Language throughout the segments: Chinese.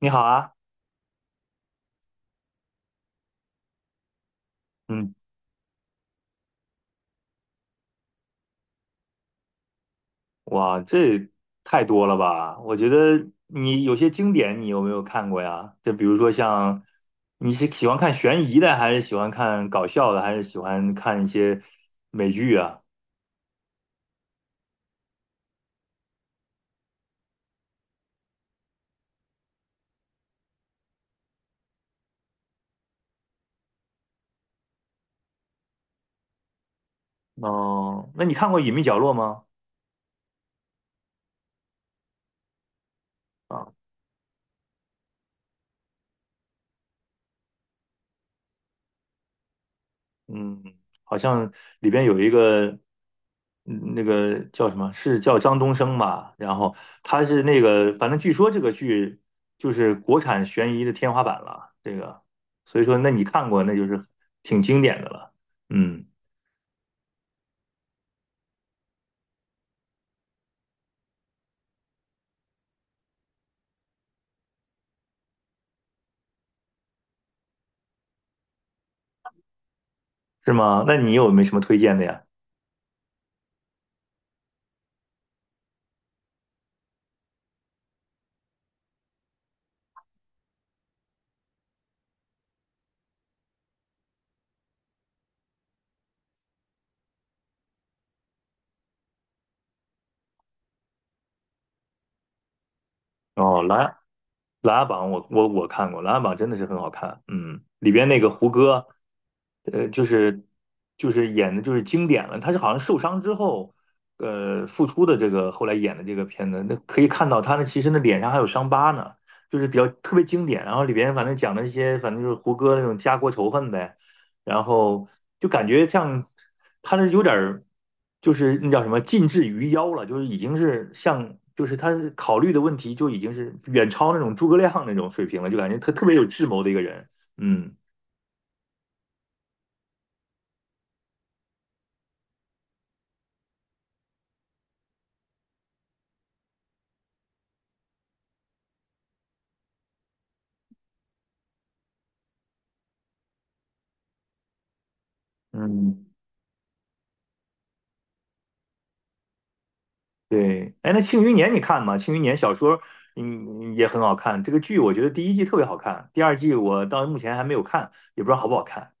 你好啊。嗯，哇，这太多了吧？我觉得你有些经典，你有没有看过呀？就比如说像，你是喜欢看悬疑的，还是喜欢看搞笑的，还是喜欢看一些美剧啊？哦，那你看过《隐秘角落》吗？啊？嗯，好像里边有一个，那个叫什么，是叫张东升吧？然后他是那个，反正据说这个剧就是国产悬疑的天花板了。这个，所以说，那你看过，那就是挺经典的了。嗯，是吗？那你有没什么推荐的呀？哦，《琅琊榜》我看过，琅琊榜真的是很好看，嗯，里边那个胡歌，呃，就是就是演的就是经典了，他是好像受伤之后，复出的这个后来演的这个片子，那可以看到他那其实那脸上还有伤疤呢，就是比较特别经典，然后里边反正讲了一些反正就是胡歌那种家国仇恨呗，然后就感觉像他这有点儿，就是那叫什么近至于妖了，就是已经是像，就是他考虑的问题就已经是远超那种诸葛亮那种水平了，就感觉他特别有智谋的一个人。嗯嗯，对。哎，那《庆余年》你看吗？《庆余年》小说也很好看，这个剧我觉得第一季特别好看，第二季我到目前还没有看，也不知道好不好看。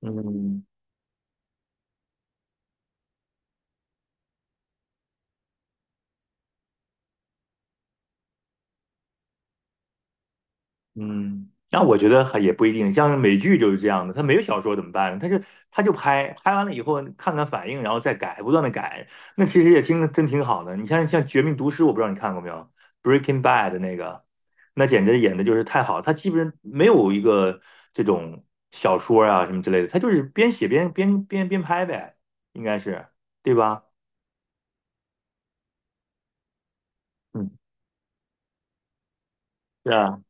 嗯，嗯，那我觉得还也不一定，像美剧就是这样的，他没有小说怎么办呢？他就拍，拍完了以后看看反应，然后再改，不断的改，那其实也挺真挺好的。你像《绝命毒师》，我不知道你看过没有，《Breaking Bad》那个，那简直演的就是太好了，他基本上没有一个这种小说啊什么之类的，他就是边写边拍呗，应该是对吧？嗯，是啊，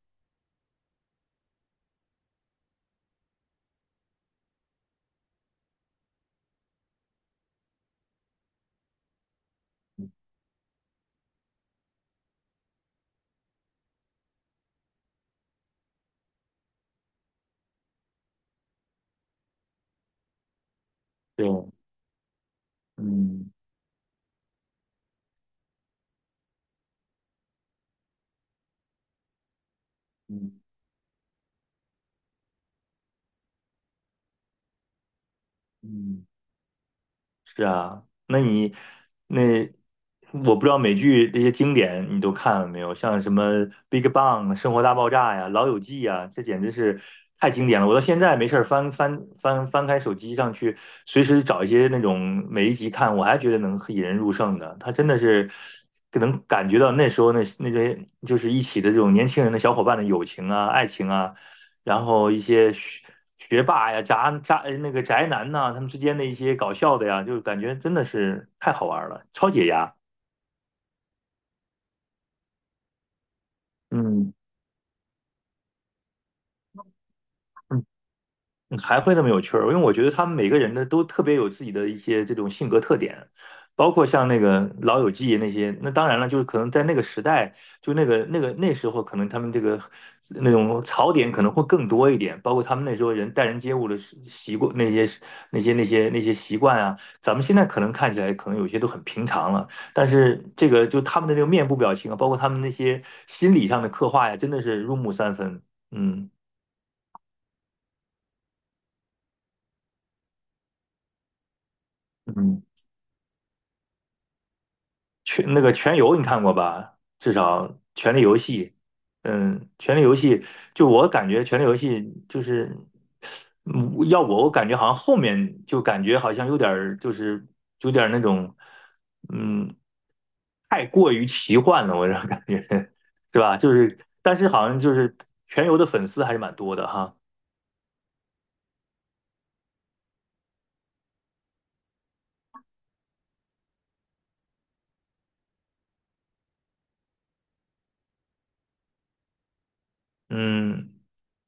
对，嗯嗯嗯。是啊，那你那我不知道美剧那些经典你都看了没有？像什么《Big Bang》《生活大爆炸》呀，《老友记》呀，这简直是太经典了。我到现在没事儿翻开手机上去，随时找一些那种每一集看，我还觉得能引人入胜的。他真的是能感觉到那时候那些就是一起的这种年轻人的小伙伴的友情啊、爱情啊，然后一些学霸呀、渣渣那个宅男呐、他们之间的一些搞笑的呀，就感觉真的是太好玩了，超解压。嗯，嗯还会那么有趣儿，因为我觉得他们每个人的都特别有自己的一些这种性格特点，包括像那个《老友记》那些，那当然了，就是可能在那个时代，就那个那时候，可能他们这个那种槽点可能会更多一点，包括他们那时候人待人接物的习惯，那些习惯啊，咱们现在可能看起来可能有些都很平常了，但是这个就他们的这个面部表情啊，包括他们那些心理上的刻画呀，真的是入木三分，嗯。嗯《全那个《全游》你看过吧？至少《权力游戏》，嗯，《权力游戏》，就我感觉《权力游戏》就是，嗯要我感觉好像后面就感觉好像有点儿就是有点儿那种，嗯，太过于奇幻了，我这感觉 是吧？就是但是好像就是《全游》的粉丝还是蛮多的哈。嗯，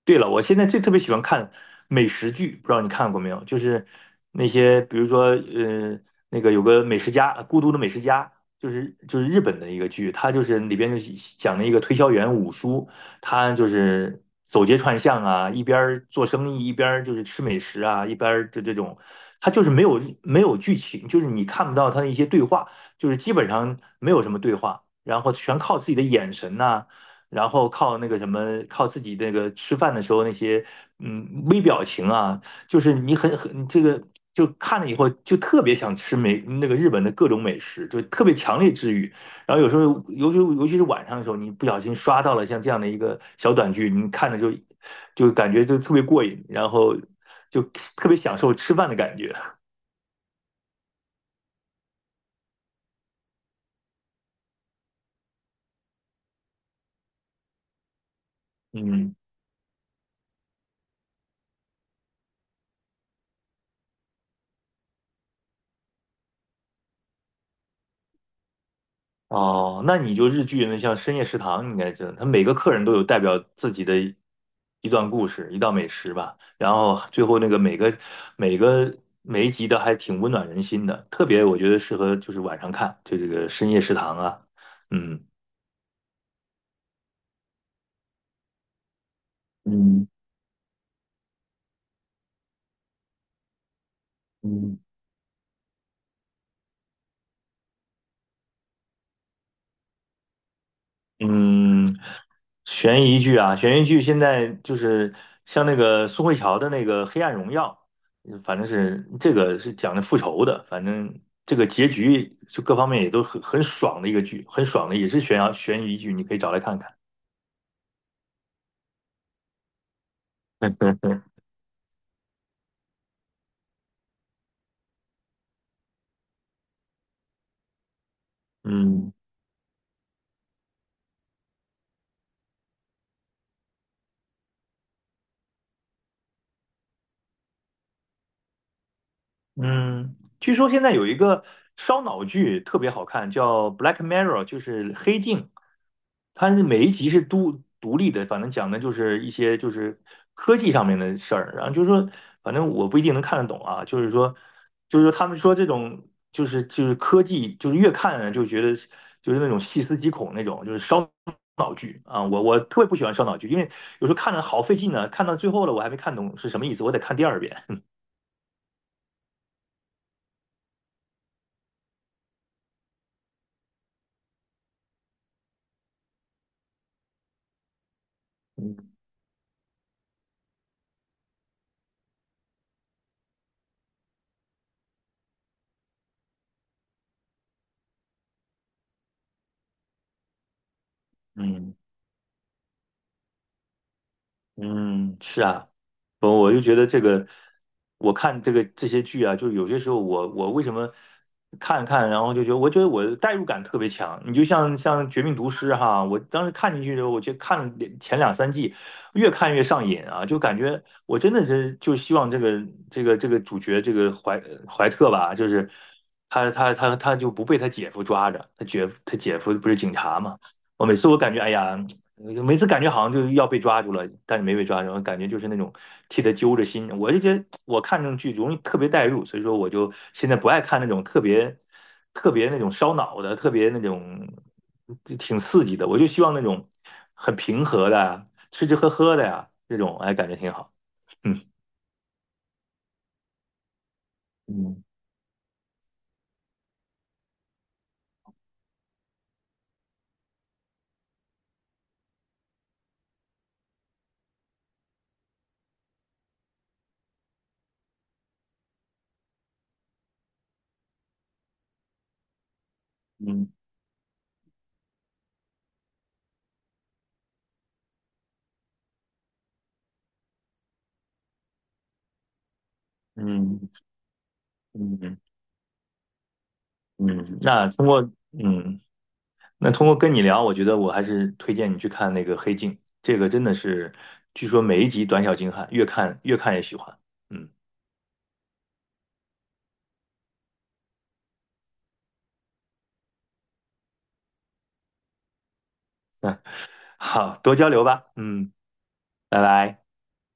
对了，我现在最特别喜欢看美食剧，不知道你看过没有？就是那些，比如说，那个有个美食家，孤独的美食家，就是日本的一个剧，它就是里边就是讲了一个推销员五叔，他就是走街串巷啊，一边儿做生意，一边儿就是吃美食啊，一边儿就这种，他就是没有剧情，就是你看不到他的一些对话，就是基本上没有什么对话，然后全靠自己的眼神呐、然后靠那个什么，靠自己那个吃饭的时候那些微表情啊，就是你很这个就看了以后就特别想吃美那个日本的各种美食，就特别强烈治愈。然后有时候尤其是晚上的时候，你不小心刷到了像这样的一个小短剧，你看着就就感觉就特别过瘾，然后就特别享受吃饭的感觉，嗯。哦，那你就日剧那像深夜食堂，你应该知道，他每个客人都有代表自己的一段故事，一道美食吧。然后最后那个每个每一集的还挺温暖人心的，特别我觉得适合就是晚上看，就这个深夜食堂啊，嗯。嗯嗯。嗯，悬疑剧啊，悬疑剧现在就是像那个宋慧乔的那个《黑暗荣耀》，反正是这个是讲的复仇的，反正这个结局就各方面也都很爽的一个剧，很爽的，也是悬疑剧，你可以找来看看。嗯嗯，据说现在有一个烧脑剧特别好看，叫《Black Mirror》,就是黑镜。它是每一集是独立的，反正讲的就是一些就是科技上面的事儿。然后就是说，反正我不一定能看得懂啊。就是说，就是说他们说这种就是科技，就是越看呢就觉得就是那种细思极恐那种，就是烧脑剧啊。我特别不喜欢烧脑剧，因为有时候看着好费劲呢，看到最后了我还没看懂是什么意思，我得看第二遍。嗯嗯。嗯，是啊，我就觉得这个，我看这个这些剧啊，就有些时候我为什么看，然后就觉得我觉得我的代入感特别强。你就像《绝命毒师》哈，我当时看进去的时候，我就看了两前两三季，越看越上瘾啊，就感觉我真的是就希望这个主角这个怀特吧，就是他就不被他姐夫抓着，他姐夫他姐夫不是警察嘛。我每次我感觉，哎呀，每次感觉好像就要被抓住了，但是没被抓住，感觉就是那种替他揪着心。我就觉得我看这种剧容易特别代入，所以说我就现在不爱看那种特别那种烧脑的，特别那种就挺刺激的。我就希望那种很平和的啊吃吃喝喝的呀，这种哎感觉挺好。嗯嗯嗯嗯嗯嗯，那通过嗯。那通过跟你聊，我觉得我还是推荐你去看那个《黑镜》，这个真的是，据说每一集短小精悍，越看越喜欢。嗯，好，多交流吧。嗯，拜拜。